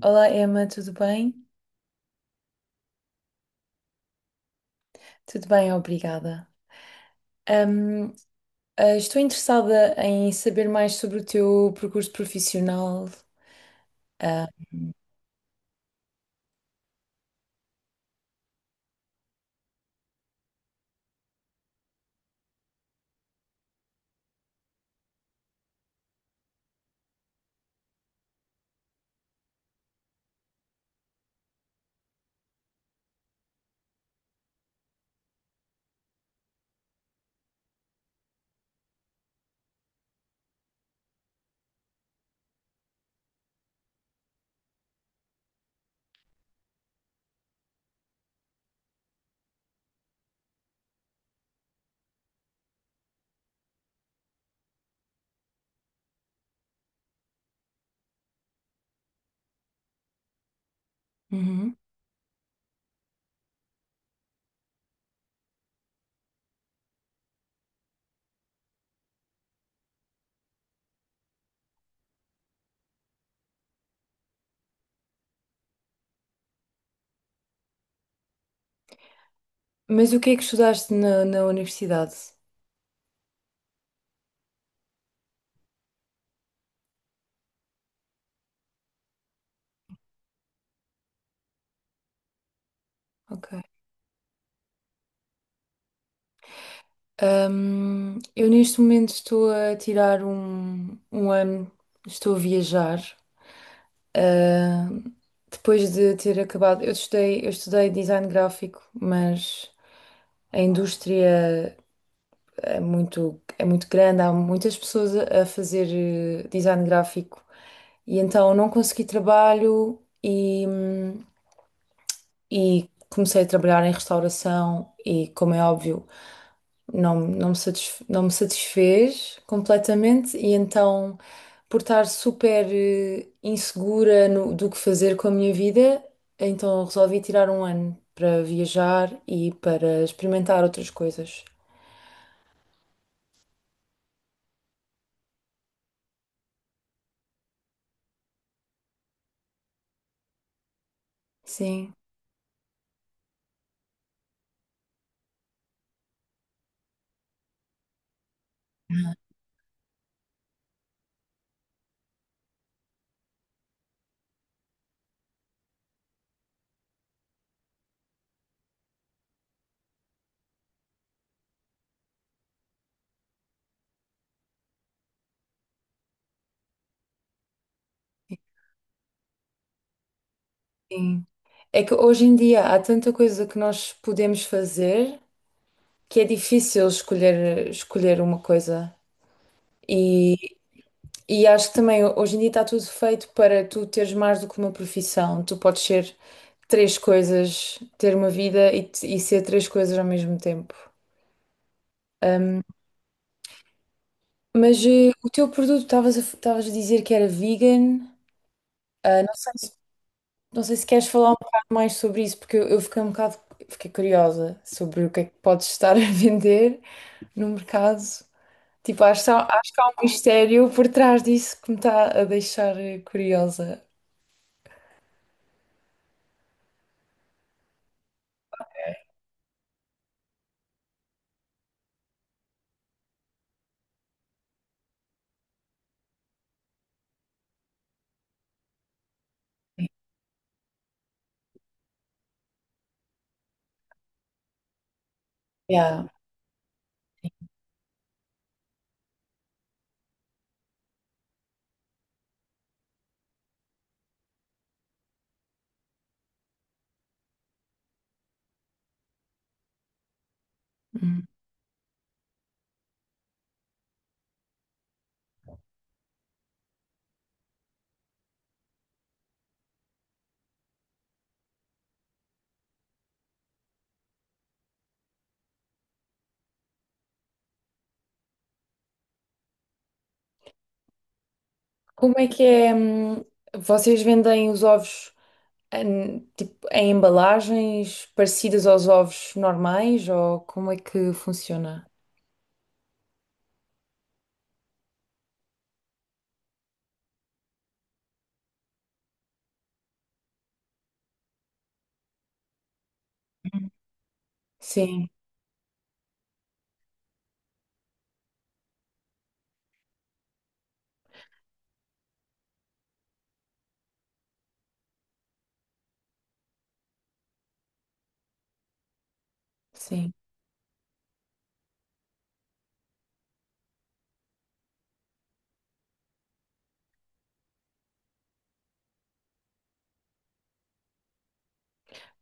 Olá, Emma, tudo bem? Tudo bem, obrigada. Ahm, estou interessada em saber mais sobre o teu percurso profissional. Ah, uhum. Mas o que é que estudaste na universidade? Ok. Eu neste momento estou a tirar um ano, estou a viajar. Ah, depois de ter acabado, eu estudei design gráfico, mas a indústria é muito grande, há muitas pessoas a fazer design gráfico e então não consegui trabalho e comecei a trabalhar em restauração e, como é óbvio, não me satisfez completamente e então, por estar super insegura do que fazer com a minha vida, então resolvi tirar um ano para viajar e para experimentar outras coisas. Sim. Sim. É que hoje em dia há tanta coisa que nós podemos fazer que é difícil escolher uma coisa. E, e acho que também hoje em dia está tudo feito para tu teres mais do que uma profissão. Tu podes ser três coisas, ter uma vida e ser três coisas ao mesmo tempo. Ahm, mas o teu produto, estavas a dizer que era vegan. Ah, não sei. Não sei se queres falar um bocado mais sobre isso, porque eu fiquei um bocado, fiquei curiosa sobre o que é que podes estar a vender no mercado. Tipo, acho que há um mistério por trás disso que me está a deixar curiosa. Yeah. Hum. Como é que é? Vocês vendem os ovos em, tipo, em embalagens parecidas aos ovos normais ou como é que funciona? Sim, sim.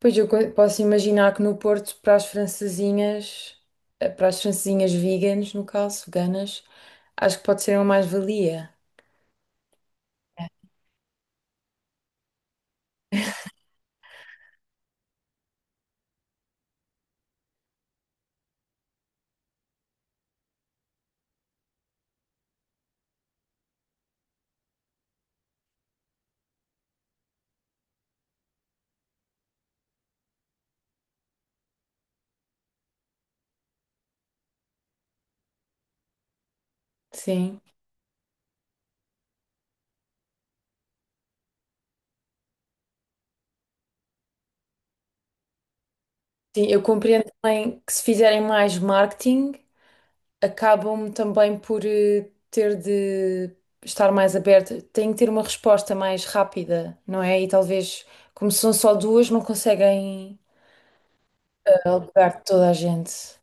Pois posso imaginar que no Porto, para as francesinhas, no caso, veganas, acho que pode ser uma mais-valia. Sim. Sim, eu compreendo também que se fizerem mais marketing, acabam também por ter de estar mais aberta, têm que ter uma resposta mais rápida, não é? E talvez, como são só duas, não conseguem alugar toda a gente.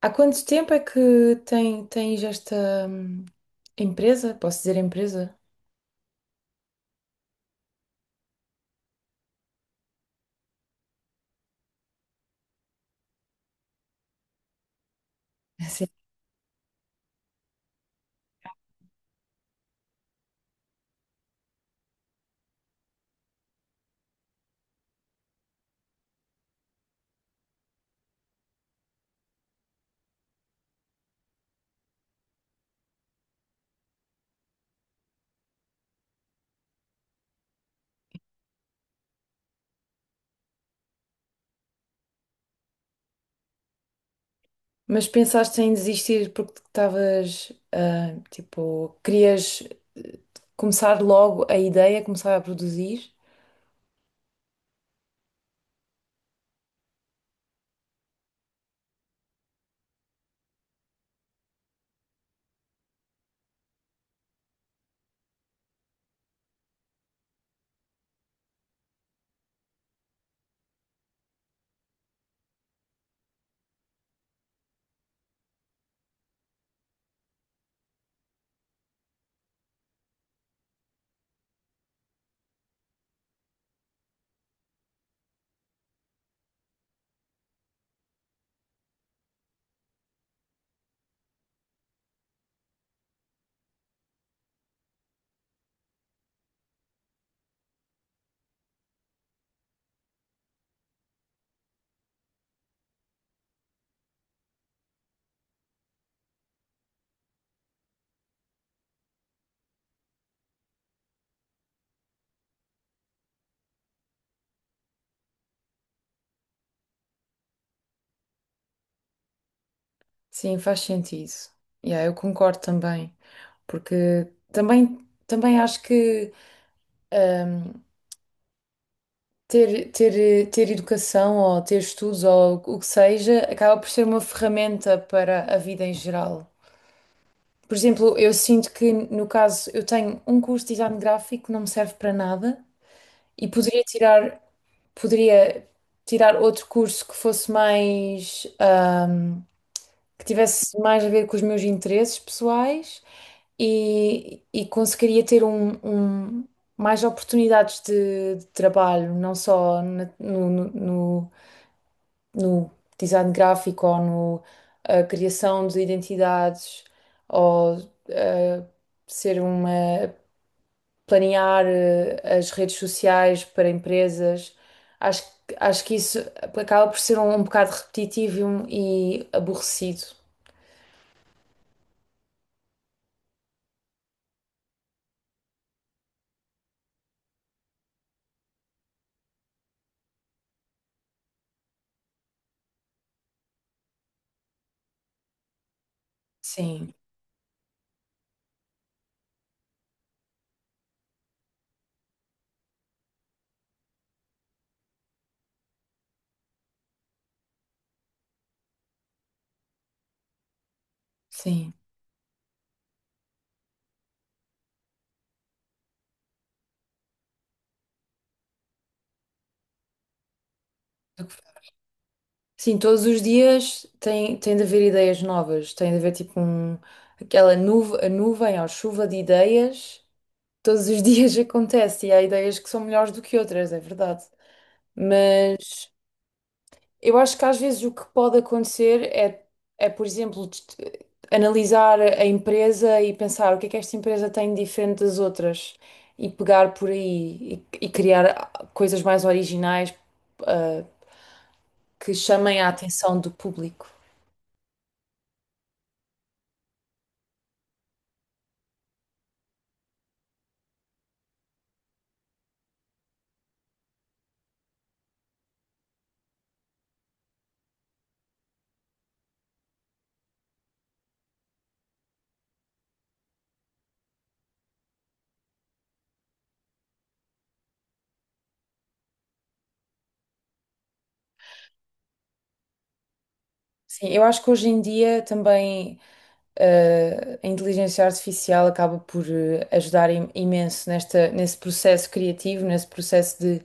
Há quanto tempo é que tens esta empresa? Posso dizer empresa? Sim. Mas pensaste em desistir porque estavas, ah, tipo, querias eh, começar logo a ideia, começar a produzir? Sim, faz sentido. Yeah, eu concordo também, porque também acho que hum, ter educação ou ter estudos ou o que seja acaba por ser uma ferramenta para a vida em geral. Por exemplo, eu sinto que, no caso, eu tenho um curso de design gráfico que não me serve para nada e poderia tirar outro curso que fosse mais, que tivesse mais a ver com os meus interesses pessoais e conseguiria ter um- mais oportunidades de trabalho, não só no design gráfico ou no a criação de identidades ou eh, ser uma planear as redes sociais para empresas. Acho que isso acaba por ser um bocado repetitivo e aborrecido. Sim, sim. Sim, todos os dias tem de haver ideias novas, tem de haver tipo a nuvem ou chuva de ideias. Todos os dias acontece e há ideias que são melhores do que outras, é verdade. Mas eu acho que às vezes o que pode acontecer é por exemplo, analisar a empresa e pensar o que é que esta empresa tem de diferente das outras e pegar por aí e criar coisas mais originais, ah, que chamem a atenção do público. Sim, eu acho que hoje em dia também. A inteligência artificial acaba por ajudar imenso nesse processo criativo, nesse processo de,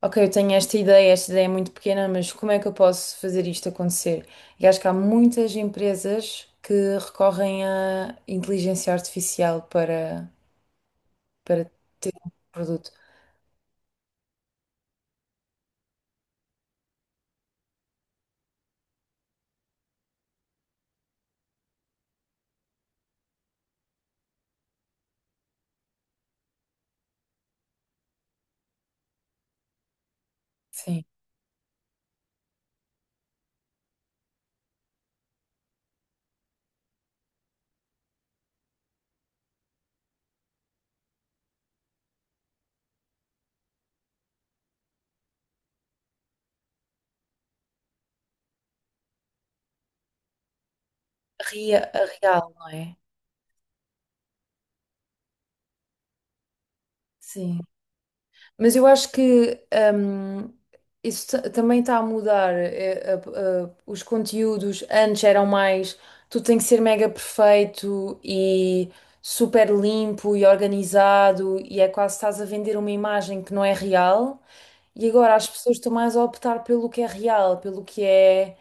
ok, eu tenho esta ideia é muito pequena, mas como é que eu posso fazer isto acontecer? E acho que há muitas empresas que recorrem à inteligência artificial para ter um produto. Sim. A real, não é? Sim. Mas eu acho que hum, isso também está a mudar. Os conteúdos antes eram mais tudo tem que ser mega perfeito e super limpo e organizado, e é quase estás a vender uma imagem que não é real. E agora as pessoas estão mais a optar pelo que é real, pelo que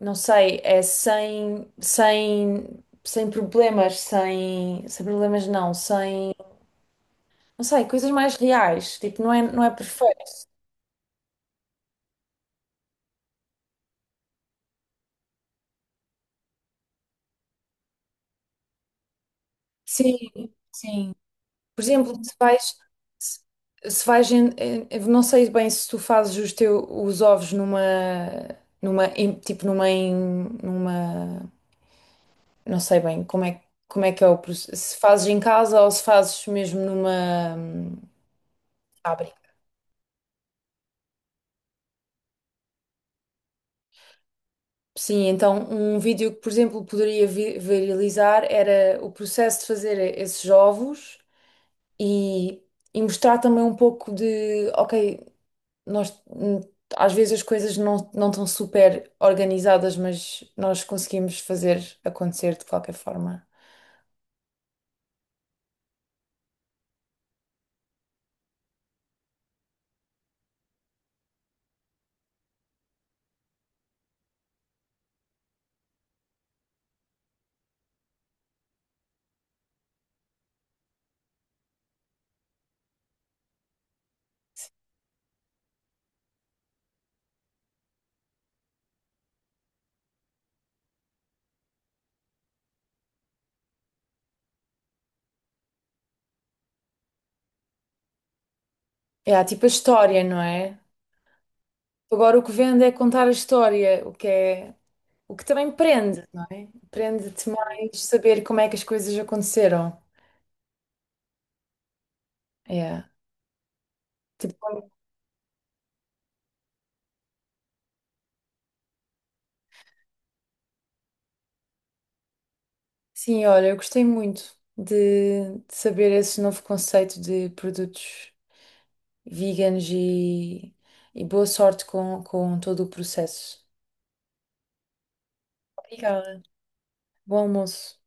não sei, é sem problemas, não sei, coisas mais reais. Tipo, não é perfeito. Sim, sim. Por exemplo, se, se vais eu não sei bem se tu fazes os teus os ovos numa numa em- tipo numa em- numa não sei bem como é que é o processo, se fazes em casa ou se fazes mesmo numa fábrica. Sim, então um vídeo que, por exemplo, poderia viralizar era o processo de fazer esses ovos e, e mostrar também um pouco de, ok, nós às vezes as coisas não estão super organizadas, mas nós conseguimos fazer acontecer de qualquer forma. É, há tipo a história, não é? Agora o que vende é contar a história, o que é, o que também prende, não é? Prende-te mais saber como é que as coisas aconteceram. É. Tipo, sim, olha, eu gostei muito de saber esse novo conceito de produtos veganos e boa sorte com todo o processo. Obrigada. Bom almoço.